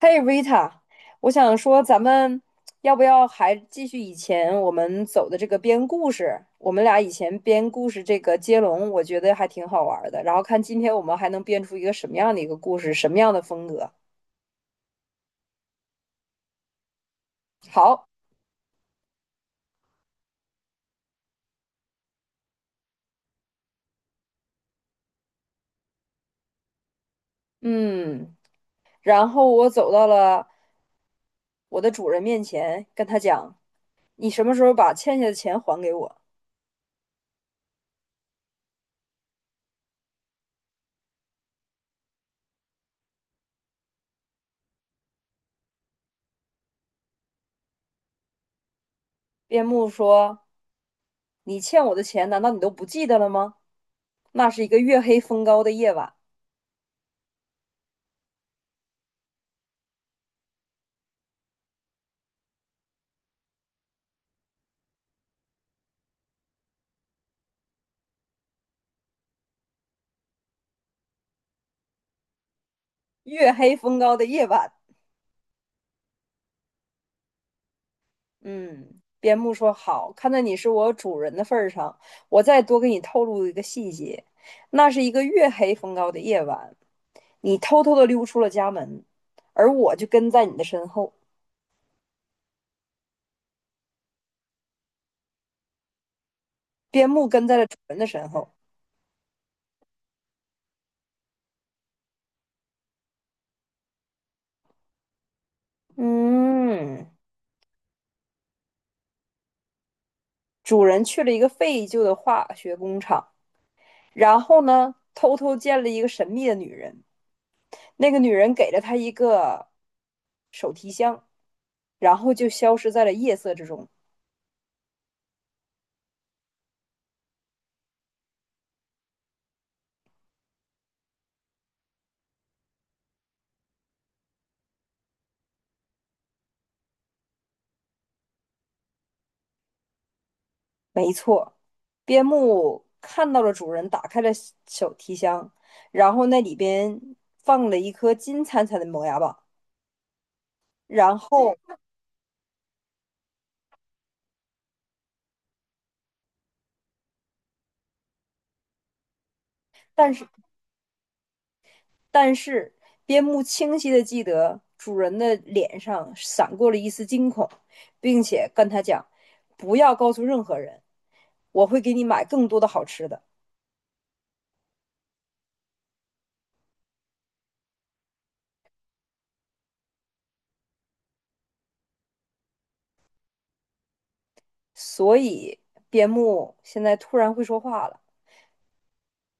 嘿，Rita，我想说，咱们要不要还继续以前我们走的这个编故事？我们俩以前编故事这个接龙，我觉得还挺好玩儿的。然后看今天我们还能编出一个什么样的一个故事，什么样的风格？好，嗯，然后我走到了我的主人面前，跟他讲："你什么时候把欠下的钱还给我？"边牧说："你欠我的钱，难道你都不记得了吗？"那是一个月黑风高的夜晚，月黑风高的夜晚。嗯，边牧说好，看在你是我主人的份儿上，我再多给你透露一个细节。那是一个月黑风高的夜晚，你偷偷的溜出了家门，而我就跟在你的身后。边牧跟在了主人的身后。嗯，主人去了一个废旧的化学工厂，然后呢，偷偷见了一个神秘的女人。那个女人给了他一个手提箱，然后就消失在了夜色之中。没错，边牧看到了主人打开了手提箱，然后那里边放了一颗金灿灿的磨牙棒。然后，但是但是，边牧清晰的记得主人的脸上闪过了一丝惊恐，并且跟他讲："不要告诉任何人，我会给你买更多的好吃的。"所以，边牧现在突然会说话了，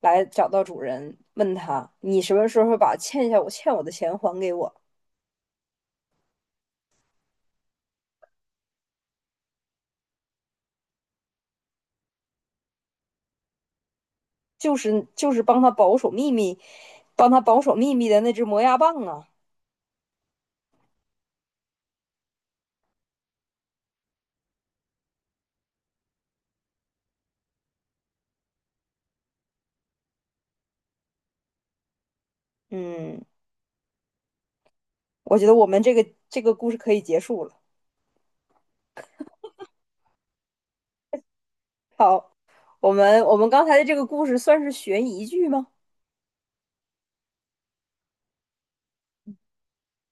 来找到主人，问他："你什么时候把欠下我的钱还给我？"就是帮他保守秘密，帮他保守秘密的那只磨牙棒啊。嗯，我觉得我们这个故事可以结束了。好，我们刚才的这个故事算是悬疑剧吗？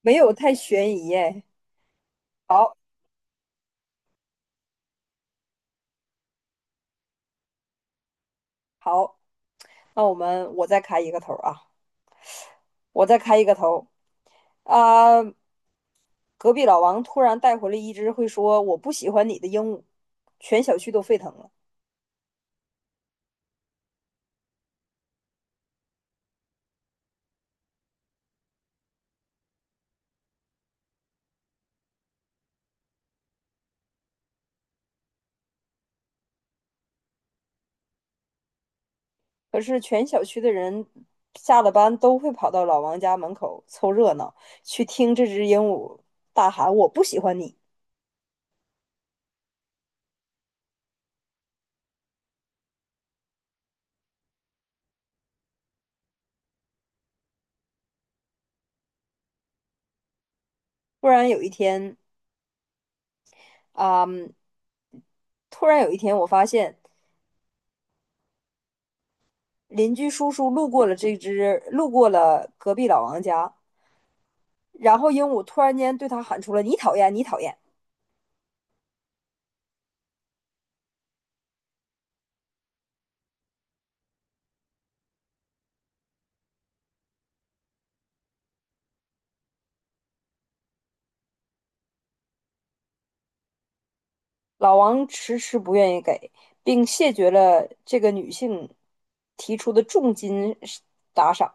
没有太悬疑哎。好，好，那我再开一个头啊，我再开一个头啊。隔壁老王突然带回了一只会说"我不喜欢你"的鹦鹉，全小区都沸腾了。可是全小区的人下了班都会跑到老王家门口凑热闹，去听这只鹦鹉大喊"我不喜欢你"。突然有一天，啊、嗯突然有一天，我发现邻居叔叔路过了这只，路过了隔壁老王家，然后鹦鹉突然间对他喊出了"你讨厌，你讨厌"。老王迟迟不愿意给，并谢绝了这个女性提出的重金打赏。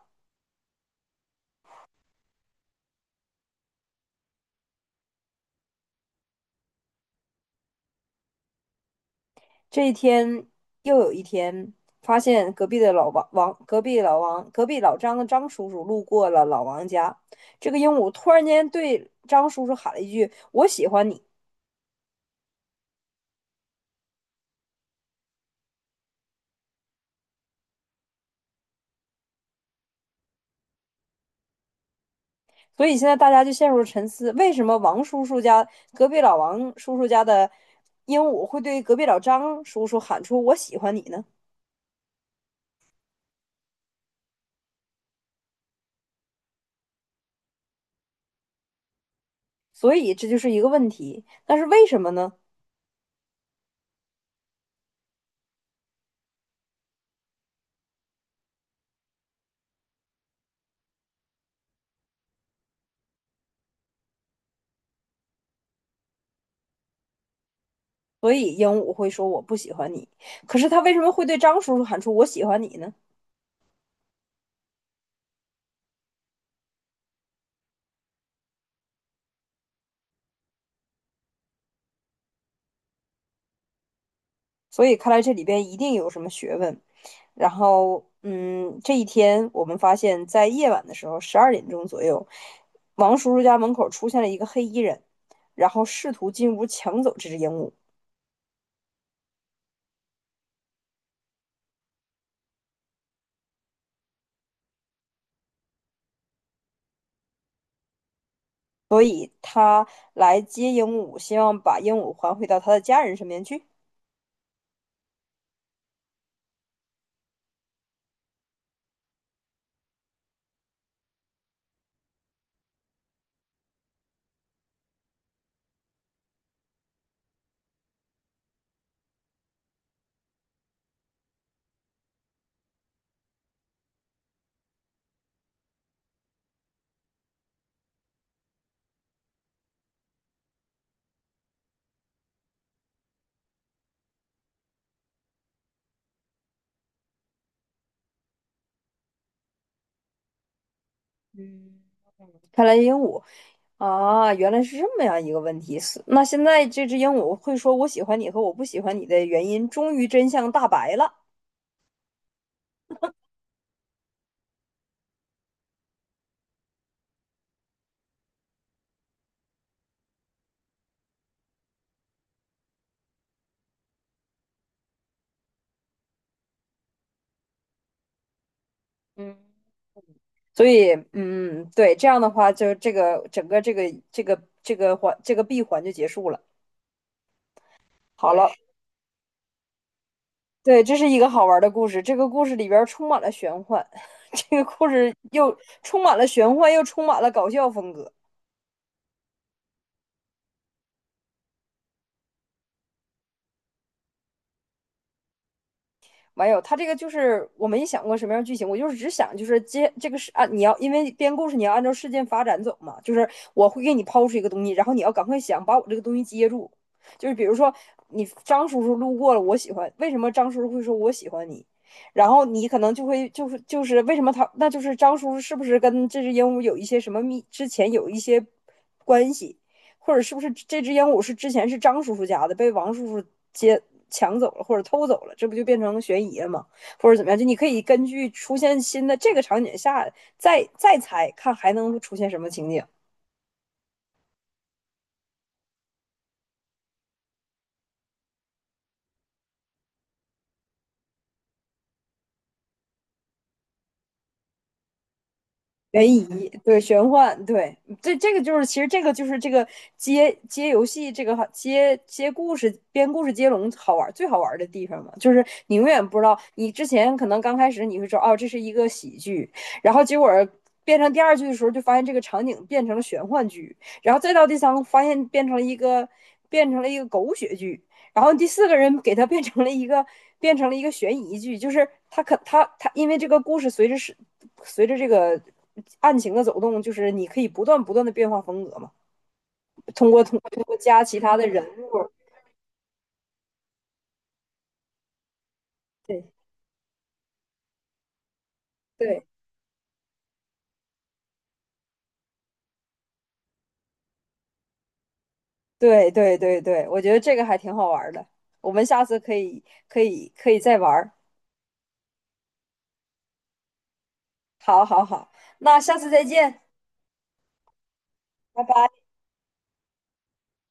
这一天又有一天，发现隔壁的老王王，隔壁老王，隔壁老张的张叔叔路过了老王家。这个鹦鹉突然间对张叔叔喊了一句："我喜欢你。"所以现在大家就陷入了沉思：为什么王叔叔家隔壁老王叔叔家的鹦鹉会对隔壁老张叔叔喊出"我喜欢你"呢？所以这就是一个问题。但是为什么呢？所以鹦鹉会说"我不喜欢你"，可是他为什么会对张叔叔喊出"我喜欢你"呢？所以看来这里边一定有什么学问。然后，这一天我们发现，在夜晚的时候，十二点钟左右，王叔叔家门口出现了一个黑衣人，然后试图进屋抢走这只鹦鹉，所以他来接鹦鹉，希望把鹦鹉还回到他的家人身边去。啊，原来是这么样一个问题。那现在这只鹦鹉会说"我喜欢你"和"我不喜欢你"的原因，终于真相大白了。嗯，所以,对，这样的话，就这个整个这个闭环就结束了。好了，对，这是一个好玩的故事。这个故事里边儿充满了玄幻，这个故事又充满了玄幻，又充满了搞笑风格。没有，他这个就是我没想过什么样的剧情，我就是只想就是接这个是啊，你要因为编故事你要按照事件发展走嘛，就是我会给你抛出一个东西，然后你要赶快想把我这个东西接住，就是比如说你张叔叔路过了，我喜欢，为什么张叔叔会说我喜欢你？然后你可能就会就是为什么就是张叔叔是不是跟这只鹦鹉有一些什么之前有一些关系？或者是不是这只鹦鹉是之前是张叔叔家的，被王叔叔接抢走了或者偷走了，这不就变成悬疑了吗？或者怎么样？就你可以根据出现新的这个场景下再猜，看还能出现什么情景。悬疑，对，玄幻，对，这这个就是，其实这个就是这个接游戏，这个好接故事、编故事接龙好玩，最好玩的地方嘛，就是你永远不知道，你之前可能刚开始你会说哦，这是一个喜剧，然后结果变成第二句的时候，就发现这个场景变成了玄幻剧，然后再到第三个，发现变成了一个狗血剧，然后第四个人给他变成了一个悬疑剧，就是他可他他因为这个故事随着这个案情的走动，就是你可以不断的变化风格嘛，通过加其他的人物，对对对，我觉得这个还挺好玩的，我们下次可以再玩儿，好好好，那下次再见，拜拜。